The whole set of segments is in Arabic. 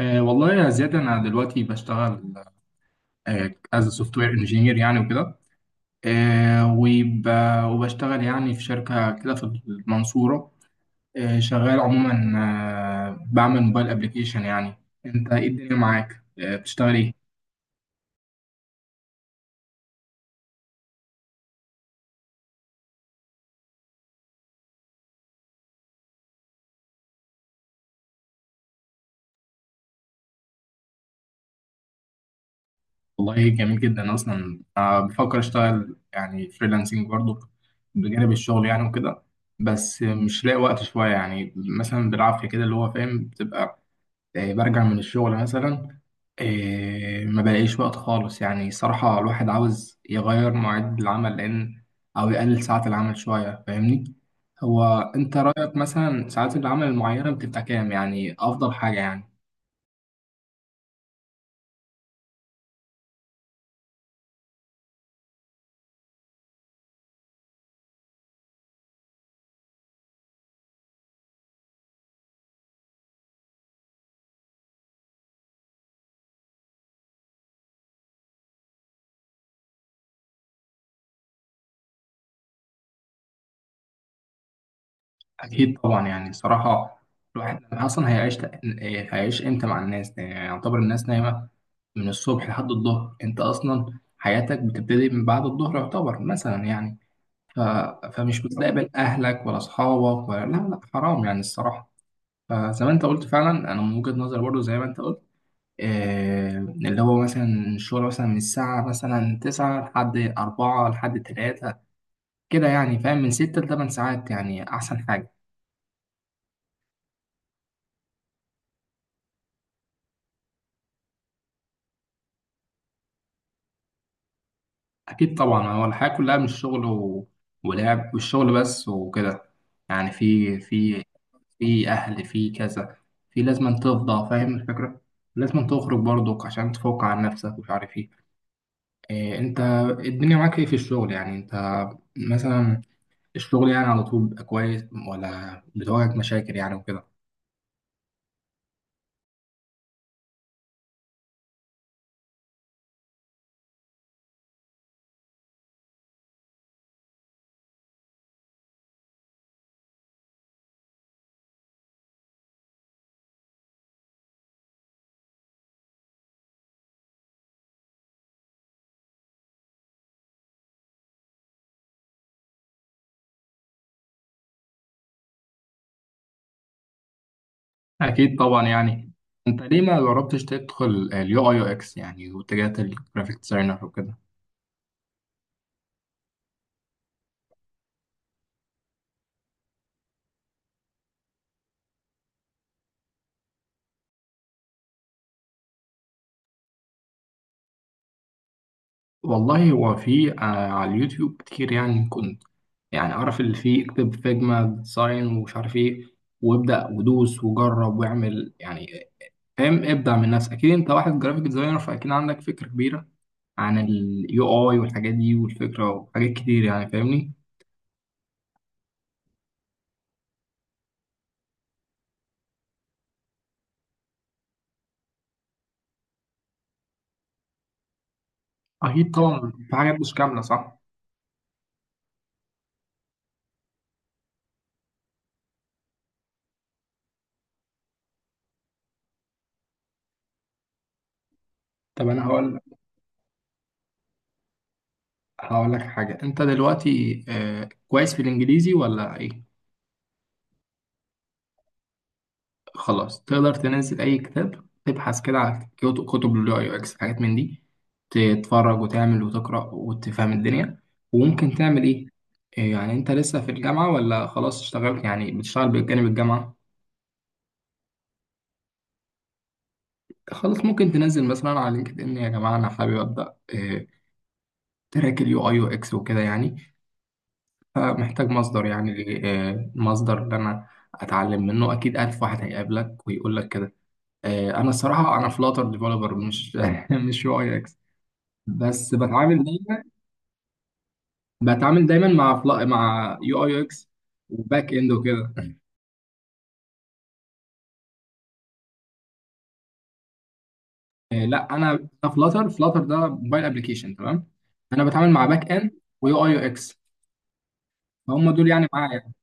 والله يا زياد، أنا دلوقتي بشتغل از سوفت وير انجينير يعني وكده. أه وب- وبشتغل يعني في شركة كده في المنصورة. شغال عموما، بعمل موبايل ابلكيشن يعني. أنت إيه الدنيا معاك؟ أه، بتشتغل إيه؟ والله جميل جدا. أصلا بفكر أشتغل يعني فريلانسنج برضه بجانب الشغل يعني وكده، بس مش لاقي وقت شوية يعني. مثلا بالعافية كده اللي هو فاهم، بتبقى برجع من الشغل مثلا. ما بلاقيش وقت خالص يعني. صراحة الواحد عاوز يغير مواعيد العمل، لأن، أو يقلل ساعات العمل شوية، فاهمني. هو أنت رأيك مثلا ساعات العمل المعينة بتبقى كام يعني، أفضل حاجة يعني؟ أكيد طبعا يعني. صراحة الواحد أصلا هيعيش إمتى مع الناس؟ يعني يعتبر الناس نايمة من الصبح لحد الظهر، أنت أصلا حياتك بتبتدي من بعد الظهر يعتبر مثلا يعني. ف... فمش بتقابل اهلك ولا اصحابك، ولا لا لا، حرام يعني الصراحه. فزي ما انت قلت فعلا، انا من وجهه نظري برضو زي ما انت قلت، اللي هو مثلا الشغل مثلا من الساعه مثلا 9 لحد 4 لحد 3 كده يعني، فاهم؟ من 6 ل 8 ساعات يعني احسن حاجه. اكيد طبعا. هو الحياه كلها مش شغل ولعب والشغل بس وكده يعني. في اهل، في كذا، في لازم تفضى، فاهم الفكره؟ لازم تخرج برضك عشان تفوق عن نفسك ومش عارف ايه. إيه، انت الدنيا معاك ايه في الشغل يعني؟ انت مثلا الشغل يعني على طول بيبقى كويس، ولا بتواجهك مشاكل يعني وكده؟ اكيد طبعا يعني. انت ليه ما جربتش تدخل اليو اي يو اكس يعني، واتجهت للجرافيك ديزاينر وكده؟ والله، هو في على اليوتيوب كتير يعني. كنت يعني اعرف اللي فيه، اكتب فيجما ديزاين ومش عارف ايه، وابدا ودوس وجرب واعمل يعني، فاهم؟ ابدع من نفسك. اكيد انت واحد جرافيك ديزاينر، فاكيد عندك فكرة كبيرة عن اليو اي والحاجات دي والفكره، وحاجات كتير يعني فاهمني. اكيد طبعا، في حاجات مش كامله، صح. طب انا هقول لك حاجه. انت دلوقتي كويس في الانجليزي ولا ايه؟ خلاص، تقدر تنزل اي كتاب، تبحث كده على كتب اليو اي اكس، حاجات من دي، تتفرج وتعمل وتقرا وتفهم الدنيا، وممكن تعمل ايه. يعني انت لسه في الجامعه، ولا خلاص اشتغلت يعني بتشتغل بجانب الجامعه؟ خلاص، ممكن تنزل مثلا على لينكد ان: يا جماعه انا حابب ابدا آه، تراك اليو اي يو اكس وكده يعني، فمحتاج مصدر يعني. المصدر اللي انا اتعلم منه، اكيد الف واحد هيقابلك ويقول لك كده. انا الصراحه انا فلاتر ديفلوبر، مش مش يو اي اكس، بس بتعامل دايما مع مع يو اي يو اكس وباك اند وكده. لا، انا فلاتر ده موبايل ابلكيشن، تمام؟ انا بتعامل مع باك اند ويو اي يو اكس، فهم دول يعني معايا.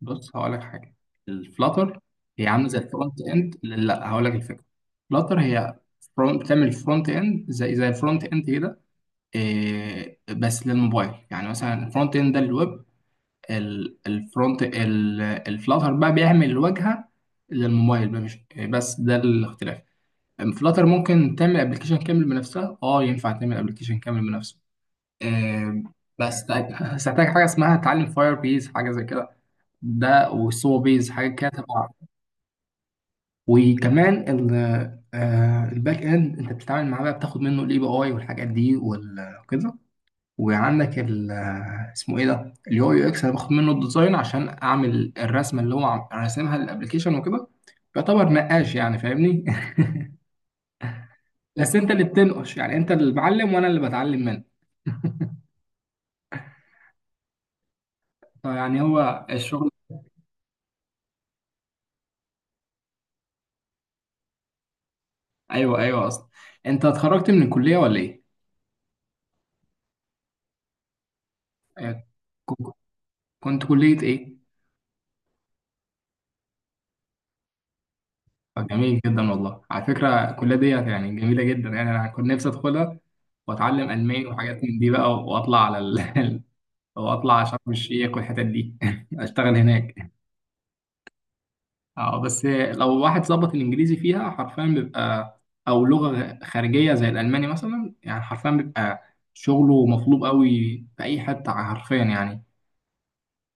بص هقول لك حاجه. الفلاتر هي عامله زي الفرونت اند. لا، هقول لك الفكره. الفلاتر هي فرونت، بتعمل فرونت اند زي الفرونت اند كده، إيه، بس للموبايل يعني. مثلا الفرونت اند ده للويب، الفلاتر بقى بيعمل الواجهه للموبايل بقى، مش بس ده الاختلاف. الفلاتر ممكن تعمل ابلكيشن كامل بنفسها، اه ينفع تعمل ابلكيشن كامل بنفسه، إيه، بس هتحتاج حاجه اسمها تعلم فاير بيز، حاجه زي كده، ده والسو بيز، حاجات كده تبع. وكمان ال آه، الباك اند انت بتتعامل معاه بقى، بتاخد منه الاي بي اي والحاجات دي وكده. وعندك ال آه، اسمه ايه ده، اليو يو اكس، انا باخد منه الديزاين عشان اعمل الرسمه اللي هو راسمها للابلكيشن وكده. يعتبر نقاش يعني فاهمني بس انت اللي بتنقش يعني، انت اللي بعلم وانا اللي بتعلم منك. فيعني هو الشغل. ايوه، ايوه، اصلا. انت اتخرجت من الكليه ولا ايه؟ آه، كنت كنت كليه ايه؟ جميل جدا والله. على فكرة الكلية دي يعني جميلة جدا يعني. أنا كنت نفسي أدخلها وأتعلم ألماني وحاجات من دي بقى، وأطلع على وأطلع على شرم الشيخ والحتت دي أشتغل هناك. بس لو واحد ظبط الإنجليزي فيها، حرفيا بيبقى، أو لغة خارجية زي الألماني مثلا يعني، حرفيا بيبقى شغله مطلوب قوي في أي حتة حرفيا يعني.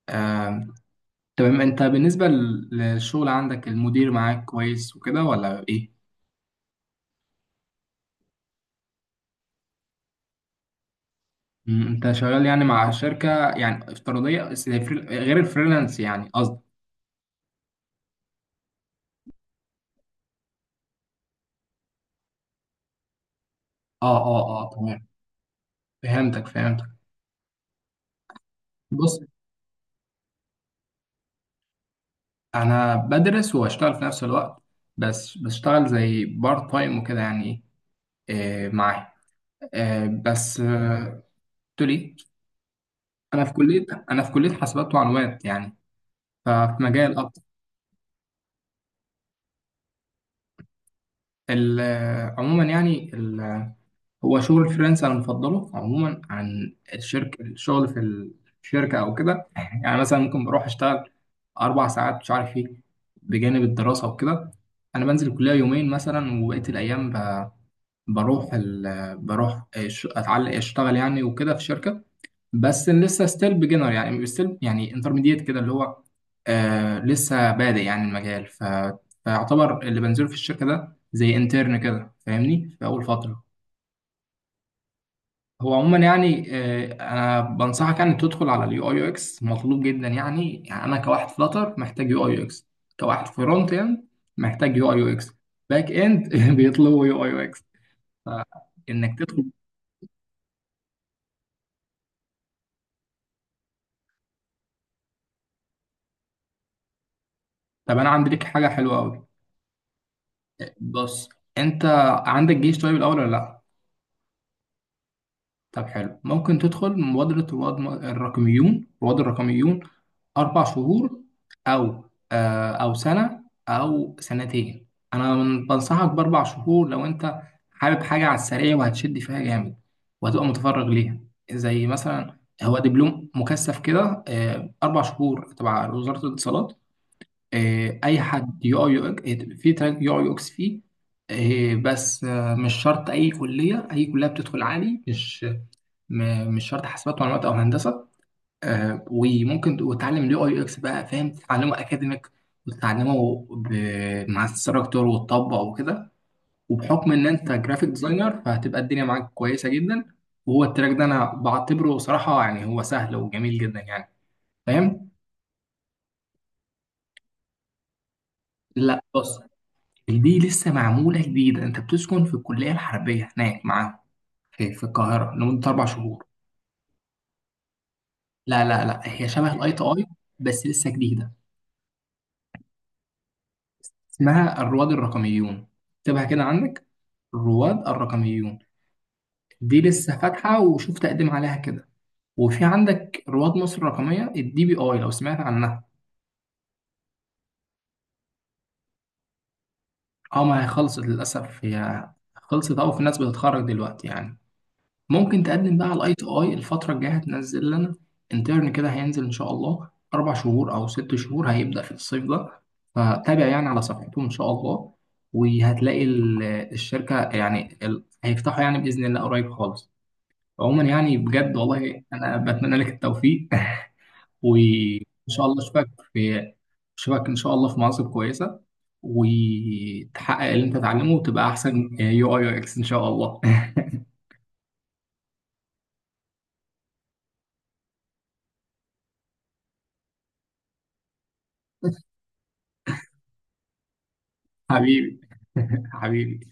آه، تمام. أنت بالنسبة للشغل عندك المدير معاك كويس وكده ولا إيه؟ انت شغال يعني مع شركه يعني افتراضيه، بس هي غير الفريلانس يعني قصدي. اه، اه، اه، تمام. فهمتك فهمتك. بص، انا بدرس واشتغل في نفس الوقت، بس بشتغل زي بارت تايم وكده يعني. معاه. آه بس آه قلت لي: انا في كليه حاسبات ومعلومات يعني، ففي مجال اكتر. عموما يعني، هو شغل فريلانس انا مفضله عموما عن الشركه، الشغل في الشركه او كده يعني. مثلا ممكن بروح اشتغل 4 ساعات مش عارف ايه بجانب الدراسه وكده. انا بنزل الكليه يومين مثلا، وبقيه الايام بروح بروح اتعلق اشتغل يعني وكده في الشركه، بس لسه ستيل بيجنر يعني، ستيل يعني انترميديت كده اللي هو، لسه بادئ يعني المجال. فيعتبر اللي بنزله في الشركه ده زي انترن كده فاهمني، في اول فتره. هو عموما يعني، انا بنصحك يعني تدخل على اليو اي يو اكس، مطلوب جدا يعني. يعني انا كواحد فلاتر محتاج يو اي يو اكس، كواحد فرونت اند محتاج يو اي يو اكس، باك اند بيطلبوا يو اي يو اكس انك تدخل. طب انا عندي لك حاجه حلوه قوي. بص، انت عندك جيش طيب الاول ولا لا؟ طب حلو. ممكن تدخل مبادرة رواد الرقميون. 4 شهور، أو أو سنة، أو سنتين. أنا بنصحك بـ 4 شهور لو أنت حابب حاجة على السريع وهتشد فيها جامد وهتبقى متفرغ ليها. زي مثلا هو دبلوم مكثف كده، 4 شهور تبع وزارة الاتصالات. أي حد يو أي يو إكس، في تراك يو أي يو إكس فيه، آه، بس آه، مش شرط أي كلية، أي كلية بتدخل عادي، مش مش شرط حاسبات معلومات او هندسه. وممكن وتتعلم اليو اي يو اكس بقى، فاهم؟ تتعلمه اكاديميك، وتتعلمه مع الستراكتور، وتطبق وكده. وبحكم ان انت جرافيك ديزاينر، فهتبقى الدنيا معاك كويسه جدا. وهو التراك ده انا بعتبره صراحه يعني هو سهل وجميل جدا يعني، فاهم؟ لا بص، دي لسه معموله جديده. انت بتسكن في الكليه الحربيه هناك معاهم في القاهره لمده 4 شهور. لا، لا، لا، هي شبه الاي تي اي، بس لسه جديده. اسمها الرواد الرقميون، اكتبها كده عندك، الرواد الرقميون. دي لسه فاتحة، وشوف تقدم عليها كده. وفي عندك رواد مصر الرقمية، الدي بي اي، لو سمعت عنها. اه، ما هي خلصت للأسف، هي خلصت أو في ناس بتتخرج دلوقتي يعني. ممكن تقدم بقى على الاي تي اي، الفترة الجاية هتنزل لنا انترن كده، هينزل إن شاء الله 4 شهور أو 6 شهور، هيبدأ في الصيف ده، فتابع يعني على صفحتهم إن شاء الله. وهتلاقي الشركة يعني، هيفتحوا يعني بإذن الله قريب خالص. عموما يعني بجد، والله انا بتمنى لك التوفيق وان شاء الله اشوفك ان شاء الله في مناصب كويسه، وتحقق اللي انت تتعلمه وتبقى احسن يو اي يو اكس ان شاء الله. حبيبي، حبيبي.